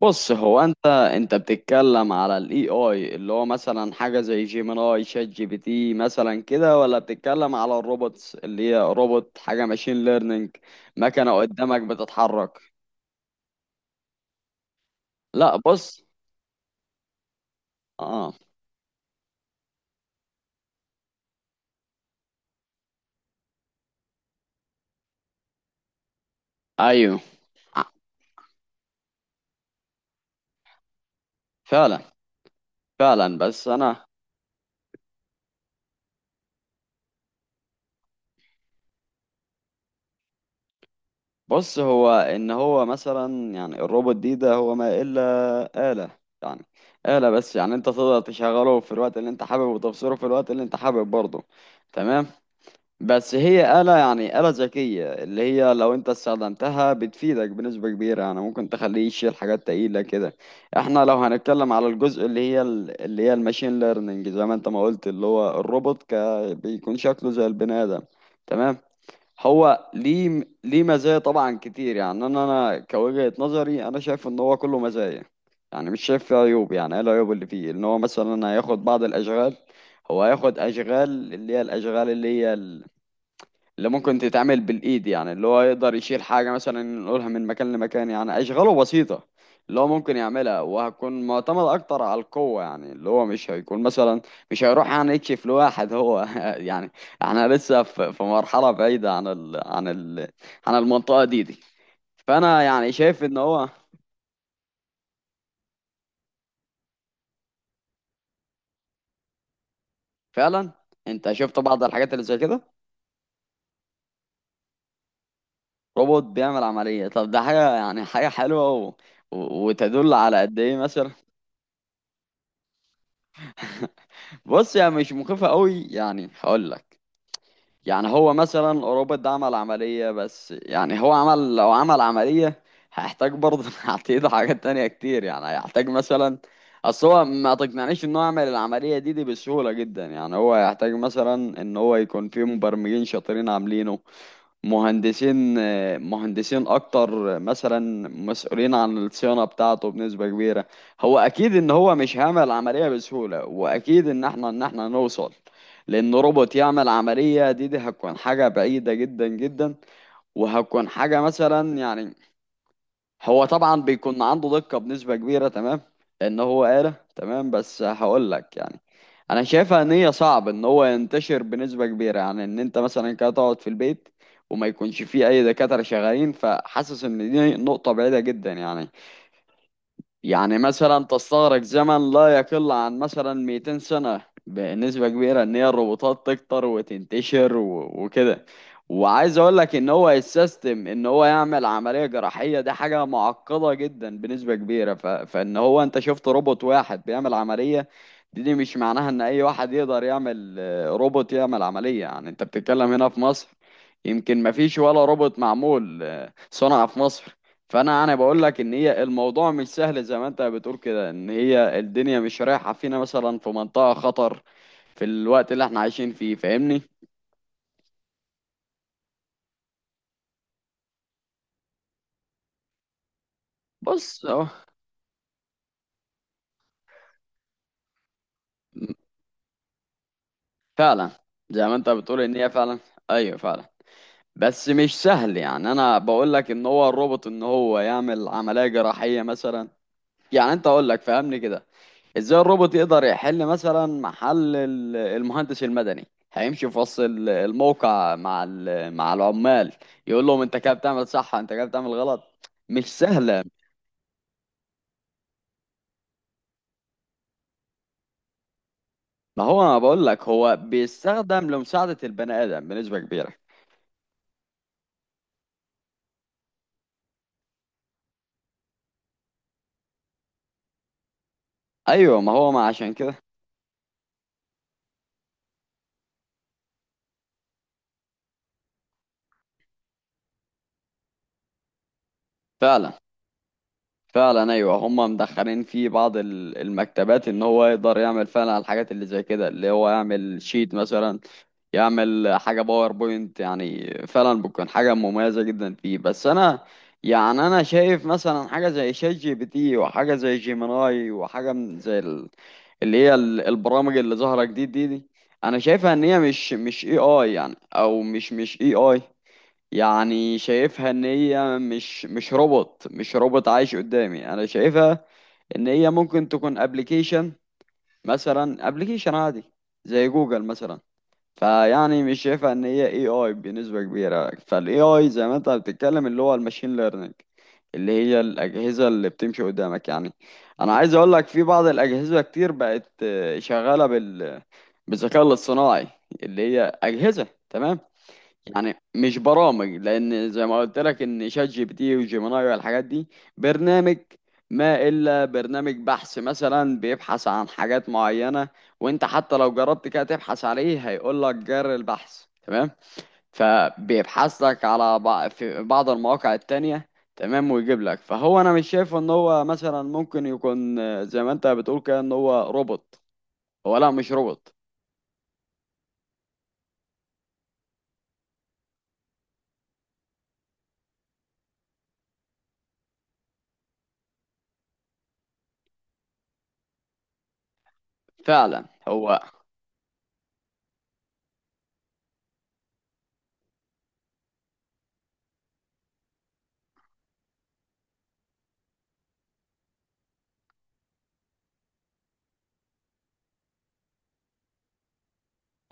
بص، هو انت بتتكلم على الاي اي اللي هو مثلا حاجه زي جيميناي شات جي بي تي مثلا كده، ولا بتتكلم على الروبوتس اللي هي روبوت حاجه ماشين ليرنينج مكنه قدامك بتتحرك؟ لا بص، اه، ايوه، ع- فعلا. فعلا بس انا بص، هو ان هو مثلا يعني الروبوت ده هو ما الا آلة. يعني آلة بس، يعني انت تقدر تشغله في الوقت اللي انت حابب وتبصره في الوقت اللي انت حابب برضه. تمام. بس هي آلة، يعني آلة ذكية اللي هي لو انت استخدمتها بتفيدك بنسبة كبيرة، يعني ممكن تخليه يشيل حاجات تقيلة كده. احنا لو هنتكلم على الجزء اللي هي اللي هي الماشين ليرنينج زي ما انت ما قلت اللي هو الروبوت بيكون شكله زي البني آدم. تمام. هو ليه، ليه مزايا طبعا كتير، يعني انا كوجهة نظري انا شايف ان هو كله مزايا. يعني مش شايف فيه عيوب. يعني ايه العيوب اللي فيه؟ ان هو مثلا هياخد بعض الاشغال. هو هياخد اشغال اللي هي الاشغال اللي هي اللي ممكن تتعمل بالايد، يعني اللي هو يقدر يشيل حاجه مثلا نقولها من مكان لمكان، يعني اشغاله بسيطه اللي هو ممكن يعملها، وهتكون معتمد اكتر على القوه، يعني اللي هو مش هيكون مثلا مش هيروح يعني يكشف لواحد هو يعني احنا لسه في مرحله بعيده عن ال عن ال عن المنطقه دي. فانا يعني شايف ان هو فعلا. انت شفت بعض الحاجات اللي زي كده؟ روبوت بيعمل عمليه. طب ده حاجه، يعني حاجه حلوه و... وتدل على قد ايه مثلا. بص، يعني مش مخيفة قوي، يعني هقول لك. يعني هو مثلا روبوت ده عمل عملية، بس يعني هو عمل، لو عمل عملية هيحتاج برضه هتعيد حاجات تانية كتير، يعني هيحتاج مثلا اصل هو ما تقنعنيش ان هو يعمل العملية دي بسهولة جدا، يعني هو هيحتاج مثلا ان هو يكون فيه مبرمجين شاطرين عاملينه. مهندسين، اكتر مثلا مسؤولين عن الصيانه بتاعته بنسبه كبيره. هو اكيد ان هو مش هيعمل العمليه بسهوله، واكيد ان احنا نوصل، لان روبوت يعمل عمليه دي هتكون حاجه بعيده جدا جدا. وهتكون حاجه مثلا، يعني هو طبعا بيكون عنده دقة بنسبة كبيرة. تمام. لأن هو آلة. تمام. بس هقول لك، يعني أنا شايفها إن هي صعب إن هو ينتشر بنسبة كبيرة، يعني إن أنت مثلا كده تقعد في البيت وما يكونش فيه أي دكاترة شغالين. فحاسس إن دي نقطة بعيدة جدا، يعني يعني مثلا تستغرق زمن لا يقل عن مثلا 200 سنة بنسبة كبيرة ان هي الروبوتات تكتر وتنتشر وكده. وعايز اقول لك ان هو السيستم ان هو يعمل عملية جراحية دي حاجة معقدة جدا بنسبة كبيرة، ف... فان هو انت شفت روبوت واحد بيعمل عملية، دي, دي مش معناها ان اي واحد يقدر يعمل آه، روبوت يعمل عملية. يعني انت بتتكلم هنا في مصر، يمكن مفيش ولا روبوت معمول آه، صنع في مصر. فانا بقول لك ان هي الموضوع مش سهل زي ما انت بتقول كده ان هي الدنيا مش رايحه فينا مثلا في منطقه خطر في الوقت اللي احنا عايشين فيه. فاهمني؟ بص اهو. فعلا، زي ما انت بتقول ان هي فعلا. ايوه فعلا. بس مش سهل، يعني انا بقول لك ان هو الروبوت ان هو يعمل عمليه جراحيه مثلا، يعني انت اقول لك فهمني كده. ازاي الروبوت يقدر يحل مثلا محل المهندس المدني؟ هيمشي في وسط الموقع مع مع العمال يقول لهم انت كده بتعمل صح، انت كده بتعمل غلط. مش سهلة. ما هو انا بقول لك هو بيستخدم لمساعدة البني ادم بنسبة كبيرة. ايوه ما هو ما عشان كده. فعلا. فعلا ايوه، هم مدخلين في بعض المكتبات ان هو يقدر يعمل فعلا الحاجات اللي زي كده، اللي هو يعمل شيت مثلا، يعمل حاجه باوربوينت. يعني فعلا بتكون حاجه مميزه جدا فيه. بس انا يعني انا شايف مثلا حاجه زي شات جي بي تي وحاجه زي جيميناي وحاجه من زي اللي هي البرامج اللي ظاهره جديد دي، انا شايفها ان هي مش اي اي، يعني او مش اي اي. يعني شايفها ان هي مش روبوت، مش روبوت عايش قدامي. انا شايفها ان هي ممكن تكون ابلكيشن، مثلا ابلكيشن عادي زي جوجل مثلا. فيعني مش شايفها ان هي اي اي بنسبة كبيرة. فالاي اي زي ما انت بتتكلم اللي هو الماشين ليرنينج اللي هي الاجهزة اللي بتمشي قدامك، يعني انا عايز اقول لك في بعض الاجهزة كتير بقت آه، شغالة بال بالذكاء الاصطناعي، اللي هي اجهزة. تمام. يعني مش برامج، لان زي ما قلت لك ان شات جي بي تي وجيميناي والحاجات دي برنامج. ما الا برنامج بحث مثلا بيبحث عن حاجات معينه. وانت حتى لو جربت كده تبحث عليه هيقول لك جر البحث. تمام. فبيبحث لك على في بعض المواقع التانية. تمام. ويجيب لك. فهو انا مش شايف ان هو مثلا ممكن يكون آه، زي ما انت بتقول كده ان هو روبوت. هو لا، مش روبوت. فعلا هو.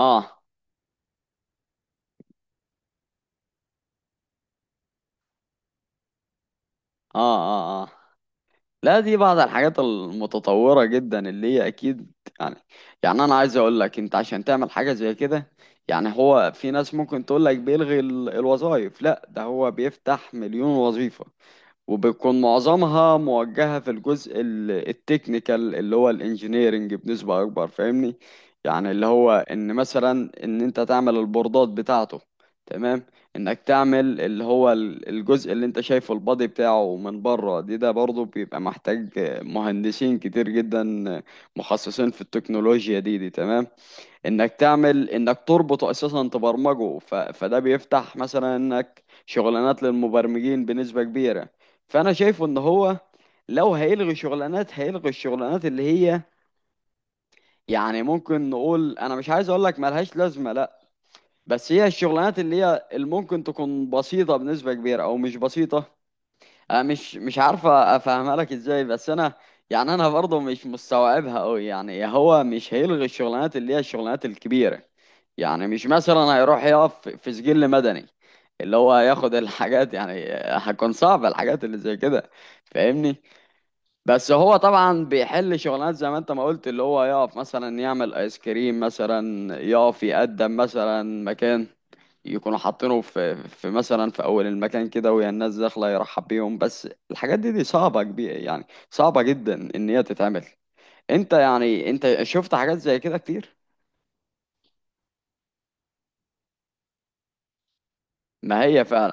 اه اه اه. اه لا، دي بعض الحاجات المتطورة جدا اللي هي أكيد. يعني يعني أنا عايز أقول لك أنت عشان تعمل حاجة زي كده، يعني هو في ناس ممكن تقول لك بيلغي الوظائف. لا، ده هو بيفتح مليون وظيفة، وبتكون معظمها موجهة في الجزء التكنيكال اللي هو الانجينيرنج بنسبة أكبر. فاهمني؟ يعني اللي هو إن مثلا إن أنت تعمل البوردات بتاعته. تمام. إنك تعمل اللي هو الجزء اللي أنت شايفه البادي بتاعه من بره ده برضه بيبقى محتاج مهندسين كتير جدا مخصصين في التكنولوجيا دي. تمام. انك تعمل، انك تربطه اساسا تبرمجه ف... فده بيفتح مثلا انك شغلانات للمبرمجين بنسبة كبيرة. فانا شايفه ان هو لو هيلغي شغلانات، هيلغي الشغلانات اللي هي يعني ممكن نقول، انا مش عايز اقول لك ملهاش لازمة لا، بس هي الشغلانات اللي هي اللي ممكن تكون بسيطة بنسبة كبيرة او مش بسيطة. أنا مش عارفة أفهمها لك إزاي، بس أنا يعني أنا برضه مش مستوعبها أوي. يعني هو مش هيلغي الشغلانات اللي هي الشغلانات الكبيرة. يعني مش مثلا هيروح يقف في سجل مدني اللي هو ياخد الحاجات. يعني هتكون صعبة الحاجات اللي زي كده. فاهمني؟ بس هو طبعا بيحل شغلانات زي ما انت ما قلت اللي هو يقف مثلا يعمل ايس كريم مثلا، يقف يقدم مثلا مكان، يكونوا حاطينه في مثلا في اول المكان كده وهي الناس داخله يرحب بيهم. بس الحاجات دي صعبه كبيره، يعني صعبه جدا ان هي تتعمل. انت يعني انت شفت حاجات زي كده كتير؟ ما هي فعلا.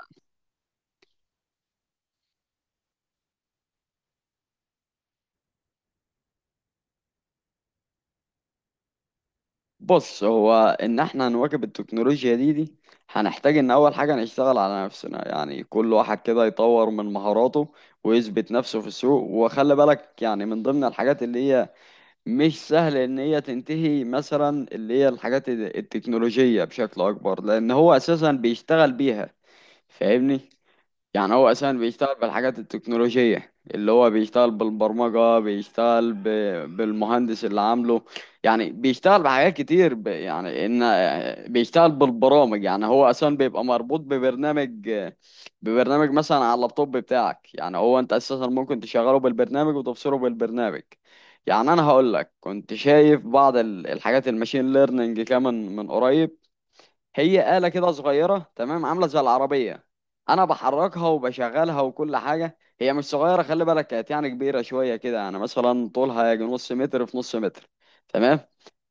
بص، هو ان احنا نواكب التكنولوجيا دي هنحتاج ان اول حاجه نشتغل على نفسنا، يعني كل واحد كده يطور من مهاراته ويثبت نفسه في السوق. وخلي بالك، يعني من ضمن الحاجات اللي هي مش سهل ان هي تنتهي مثلا اللي هي الحاجات التكنولوجية بشكل اكبر، لان هو اساسا بيشتغل بيها. فاهمني؟ يعني هو اساسا بيشتغل بالحاجات التكنولوجية، اللي هو بيشتغل بالبرمجة، بيشتغل ب... بالمهندس اللي عامله. يعني بيشتغل بحاجات كتير ب... يعني ان بيشتغل بالبرامج. يعني هو اساسا بيبقى مربوط ببرنامج، ببرنامج مثلا على اللابتوب بتاعك. يعني هو انت اساسا ممكن تشغله بالبرنامج وتبصره بالبرنامج. يعني انا هقول لك كنت شايف بعض الحاجات الماشين ليرنينج كمان من قريب. هي آلة كده صغيرة، تمام، عاملة زي العربية، أنا بحركها وبشغلها وكل حاجة. هي مش صغيرة، خلي بالك، كانت يعني كبيرة شوية كده، يعني مثلا طولها يجي نص متر في نص متر. تمام.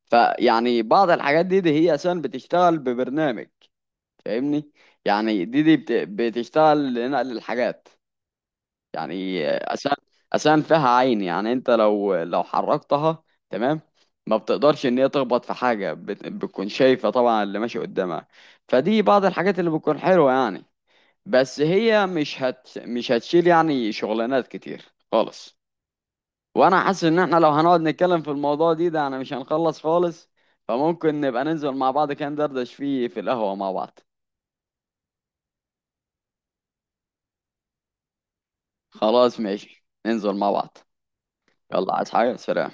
فيعني بعض الحاجات دي هي أساسا بتشتغل ببرنامج. فاهمني؟ يعني دي بتشتغل لنقل الحاجات. يعني اسنان، اسنان فيها عين. يعني انت لو حركتها، تمام، ما بتقدرش ان هي تخبط في حاجه، بتكون شايفه طبعا اللي ماشي قدامها. فدي بعض الحاجات اللي بتكون حلوه، يعني بس هي مش هتشيل يعني شغلانات كتير خالص. وانا حاسس ان احنا لو هنقعد نتكلم في الموضوع ده انا مش هنخلص خالص. فممكن نبقى ننزل مع بعض كده ندردش فيه في القهوه مع بعض. خلاص ماشي، ننزل مع بعض. يلا، عايز حاجه؟ سلام.